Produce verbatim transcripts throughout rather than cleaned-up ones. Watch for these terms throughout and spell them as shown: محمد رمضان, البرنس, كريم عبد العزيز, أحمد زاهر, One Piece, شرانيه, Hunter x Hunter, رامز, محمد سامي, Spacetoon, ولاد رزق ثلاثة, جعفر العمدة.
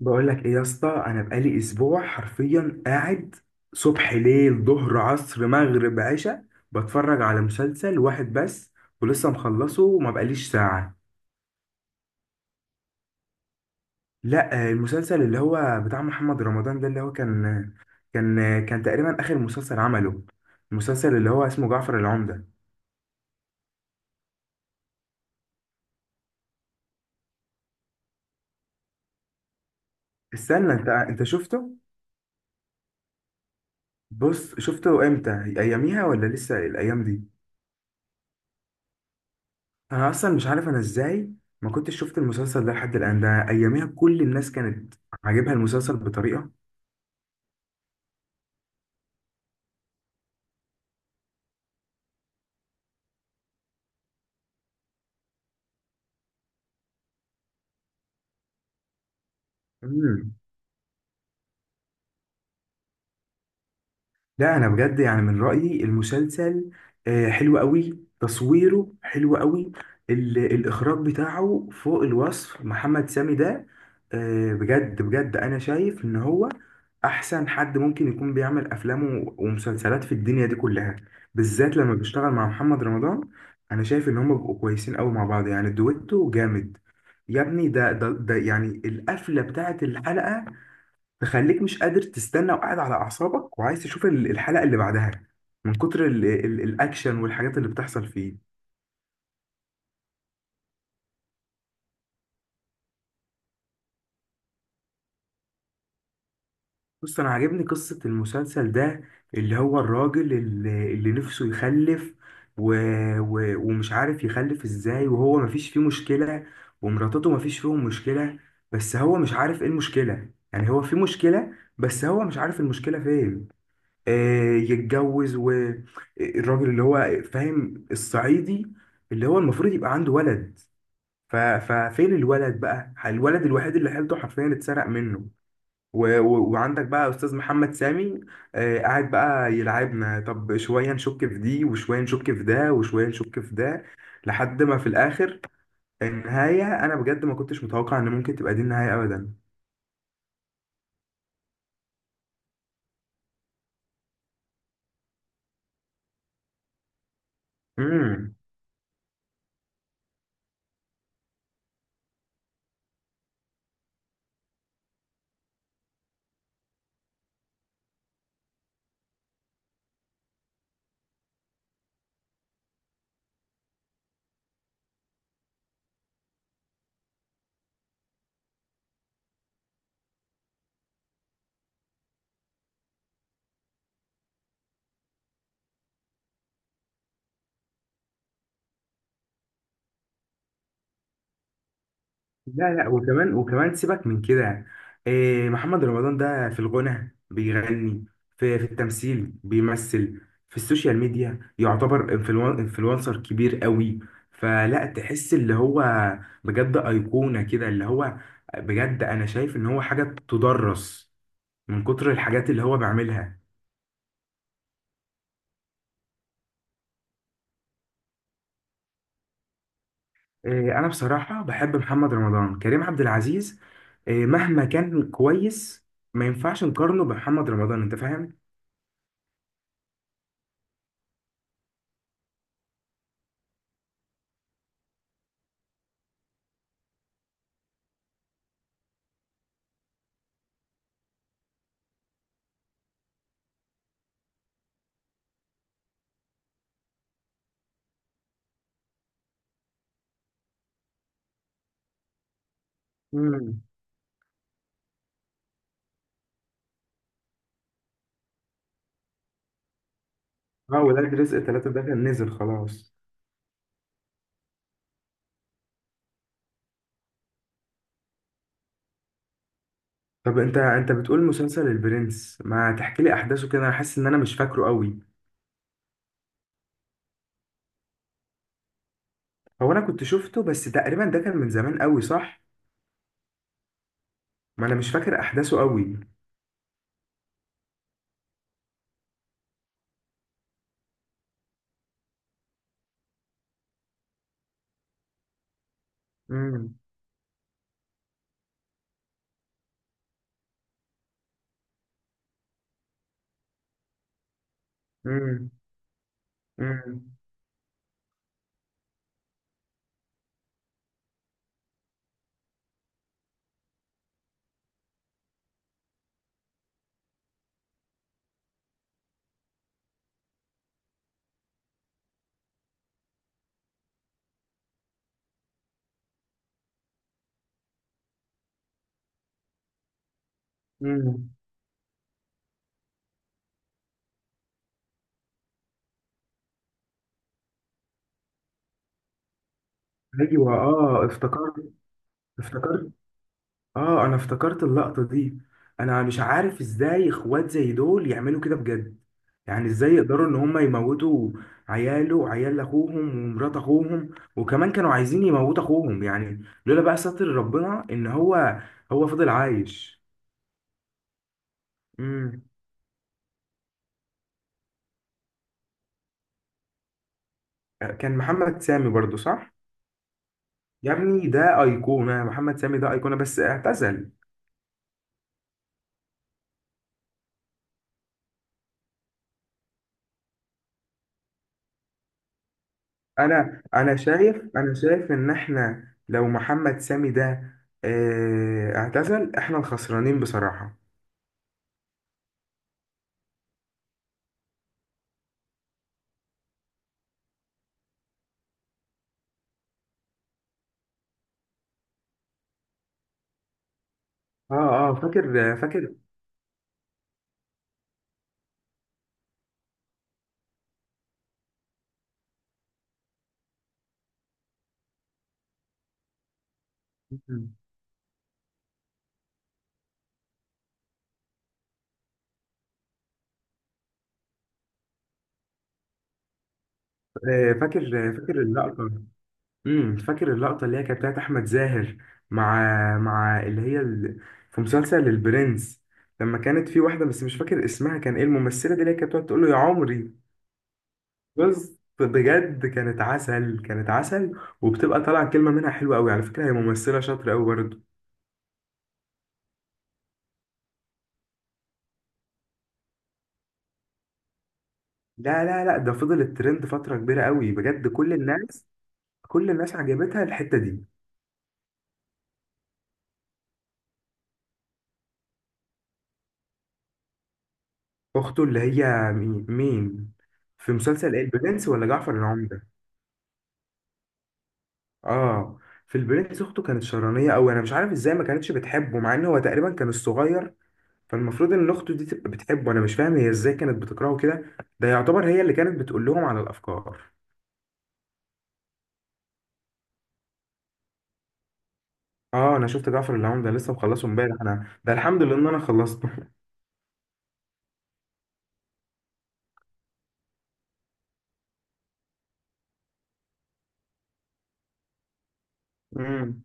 بقول لك ايه يا اسطى، انا بقالي اسبوع حرفيا قاعد صبح، ليل، ظهر، عصر، مغرب، عشاء، بتفرج على مسلسل واحد بس ولسه مخلصه وما بقاليش ساعة. لا، آه، المسلسل اللي هو بتاع محمد رمضان ده، اللي هو كان كان كان تقريبا اخر مسلسل عمله. المسلسل اللي هو اسمه جعفر العمدة. استنى، انت انت شفته؟ بص، شفته امتى؟ اياميها ولا لسه الايام دي؟ انا اصلا مش عارف انا ازاي ما كنتش شفت المسلسل ده لحد الان. ده اياميها كل الناس كانت عاجبها المسلسل بطريقه. مم. لا، انا بجد يعني من رايي المسلسل آه، حلو قوي، تصويره حلو قوي. ال- الاخراج بتاعه فوق الوصف. محمد سامي ده، آه، بجد بجد، انا شايف ان هو احسن حد ممكن يكون بيعمل افلام و- ومسلسلات في الدنيا دي كلها، بالذات لما بيشتغل مع محمد رمضان. انا شايف ان هما بيبقوا كويسين قوي مع بعض، يعني دويتو جامد. يا ابني، ده ده ده يعني القفله بتاعت الحلقه تخليك مش قادر تستنى وقاعد على اعصابك وعايز تشوف ال- الحلقه اللي بعدها، من كتر ال ال الاكشن والحاجات اللي بتحصل فيه. بص، انا عاجبني قصه المسلسل ده، اللي هو الراجل اللي, اللي نفسه يخلف، و و ومش عارف يخلف ازاي، وهو مفيش فيه مشكله، ومراتته مفيش فيهم مشكله، بس هو مش عارف ايه المشكله، يعني هو في مشكله بس هو مش عارف المشكله فين. آه، يتجوز، والراجل اللي هو آه، فاهم الصعيدي، اللي هو المفروض يبقى عنده ولد، ف- ففين الولد بقى؟ الولد الوحيد اللي حيلته حرفيا اتسرق منه. و- و- وعندك بقى استاذ محمد سامي، آه، قاعد بقى يلعبنا، طب شويه نشك في دي، وشويه نشك في ده، وشويه نشك في ده، لحد ما في الاخر النهايه، انا بجد ما كنتش متوقع ان ممكن تبقى دي النهايه ابدا. لا، لا، وكمان وكمان سيبك من كده. إيه محمد رمضان ده؟ في الغنى بيغني، في في التمثيل بيمثل، في السوشيال ميديا يعتبر انفلو- انفلونسر كبير قوي، فلا تحس اللي هو بجد أيقونة كده، اللي هو بجد أنا شايف إن هو حاجة تدرس من كتر الحاجات اللي هو بيعملها. إيه، أنا بصراحة بحب محمد رمضان. كريم عبد العزيز إيه مهما كان كويس، ما ينفعش نقارنه بمحمد رمضان. أنت فاهم؟ اه، ولاد رزق ثلاثة ده كان نزل خلاص. طب، انت انت بتقول مسلسل البرنس؟ ما تحكي لي احداثه كده، انا حاسس ان انا مش فاكره قوي. هو انا كنت شفته، بس تقريبا ده كان من زمان قوي، صح. ما انا مش فاكر احداثه قوي. امم، امم، امم، امم. ايوه، اه افتكرت، افتكرت. اه، انا افتكرت اللقطة دي. انا مش عارف ازاي اخوات زي دول يعملوا كده بجد، يعني ازاي يقدروا ان هم يموتوا عياله وعيال اخوهم ومرات اخوهم، وكمان كانوا عايزين يموتوا اخوهم، يعني لولا بقى ستر ربنا ان هو هو فضل عايش. امم. كان محمد سامي برضو، صح؟ يا ابني، ده ايقونة محمد سامي، ده ايقونة، بس اعتزل. انا انا شايف انا شايف ان احنا لو محمد سامي ده آه، اعتزل، احنا الخسرانين بصراحة. اه، اه، فاكر، فاكر. آه، فاكر، فاكر اللقطة. امم، فاكر اللقطة اللي هي كانت بتاعت أحمد زاهر، مع مع اللي هي ال... في مسلسل البرنس، لما كانت في واحدة بس مش فاكر اسمها كان ايه الممثلة دي، اللي هي كانت بتقعد تقول له يا عمري. بس بجد كانت عسل، كانت عسل، وبتبقى طالعة كلمة منها حلوة قوي، على فكرة هي ممثلة شاطرة قوي برضه. لا، لا، لا، ده فضل الترند فترة كبيرة قوي، بجد كل الناس، كل الناس عجبتها الحتة دي. أخته اللي هي مين، مين؟ في مسلسل ايه، البرنس ولا جعفر العمدة؟ اه، في البرنس اخته كانت شرانيه قوي، انا مش عارف ازاي ما كانتش بتحبه مع ان هو تقريبا كان الصغير، فالمفروض ان اخته دي تبقى بتحبه، انا مش فاهم هي ازاي كانت بتكرهه كده، ده يعتبر هي اللي كانت بتقول لهم على الافكار. اه، انا شفت جعفر العمدة لسه مخلصه امبارح انا، ده الحمد لله ان انا خلصته امم.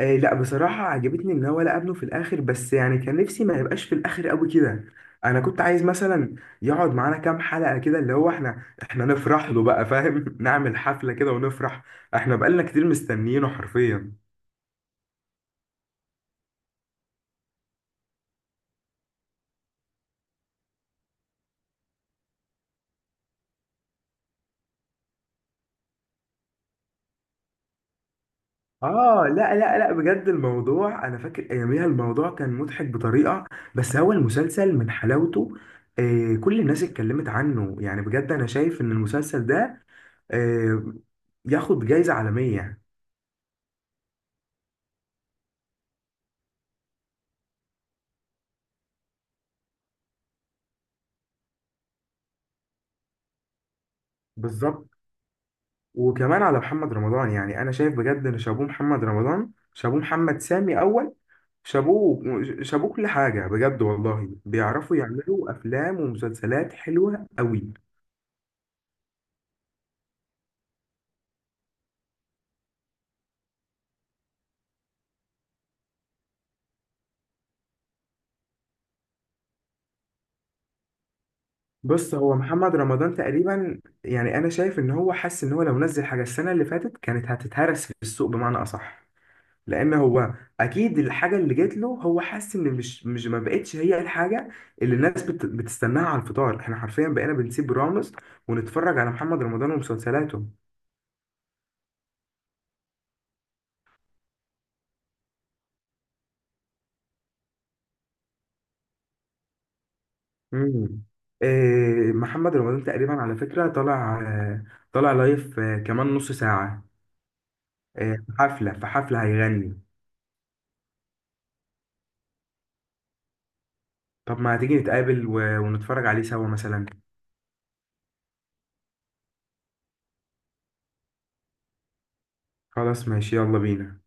آه، لا بصراحة عجبتني إن هو لقى ابنه في الآخر، بس يعني كان نفسي ما يبقاش في الآخر أوي كده. أنا كنت عايز مثلا يقعد معانا كام حلقة كده اللي هو إحنا إحنا نفرح له بقى، فاهم؟ نعمل حفلة كده ونفرح. إحنا بقالنا كتير مستنيينه حرفيا. آه، لا، لا، لا، بجد الموضوع، أنا فاكر أياميها الموضوع كان مضحك بطريقة، بس هو المسلسل من حلاوته، آه كل الناس اتكلمت عنه يعني. بجد أنا شايف إن المسلسل ده آه ياخد جايزة عالمية. بالظبط. وكمان على محمد رمضان، يعني انا شايف بجد ان شابوه محمد رمضان، شابوه محمد سامي اول، شابوه، شابوه كل حاجه، بجد والله بيعرفوا يعملوا افلام ومسلسلات حلوه قوي. بص، هو محمد رمضان تقريبا يعني انا شايف ان هو حس ان هو لو نزل حاجه السنه اللي فاتت كانت هتتهرس في السوق بمعنى اصح. لان هو اكيد الحاجه اللي جات له، هو حاسس ان مش مش ما بقتش هي الحاجه اللي الناس بت بتستناها على الفطار. احنا حرفيا بقينا بنسيب رامز ونتفرج على محمد رمضان ومسلسلاته. امم. إيه، محمد رمضان تقريبا على فكره طالع، آه، طالع لايف آه، كمان نص ساعه. آه، في حفله، في حفله هيغني. طب، ما هتيجي نتقابل و- ونتفرج عليه سوا مثلا؟ خلاص، ماشي، يلا بينا.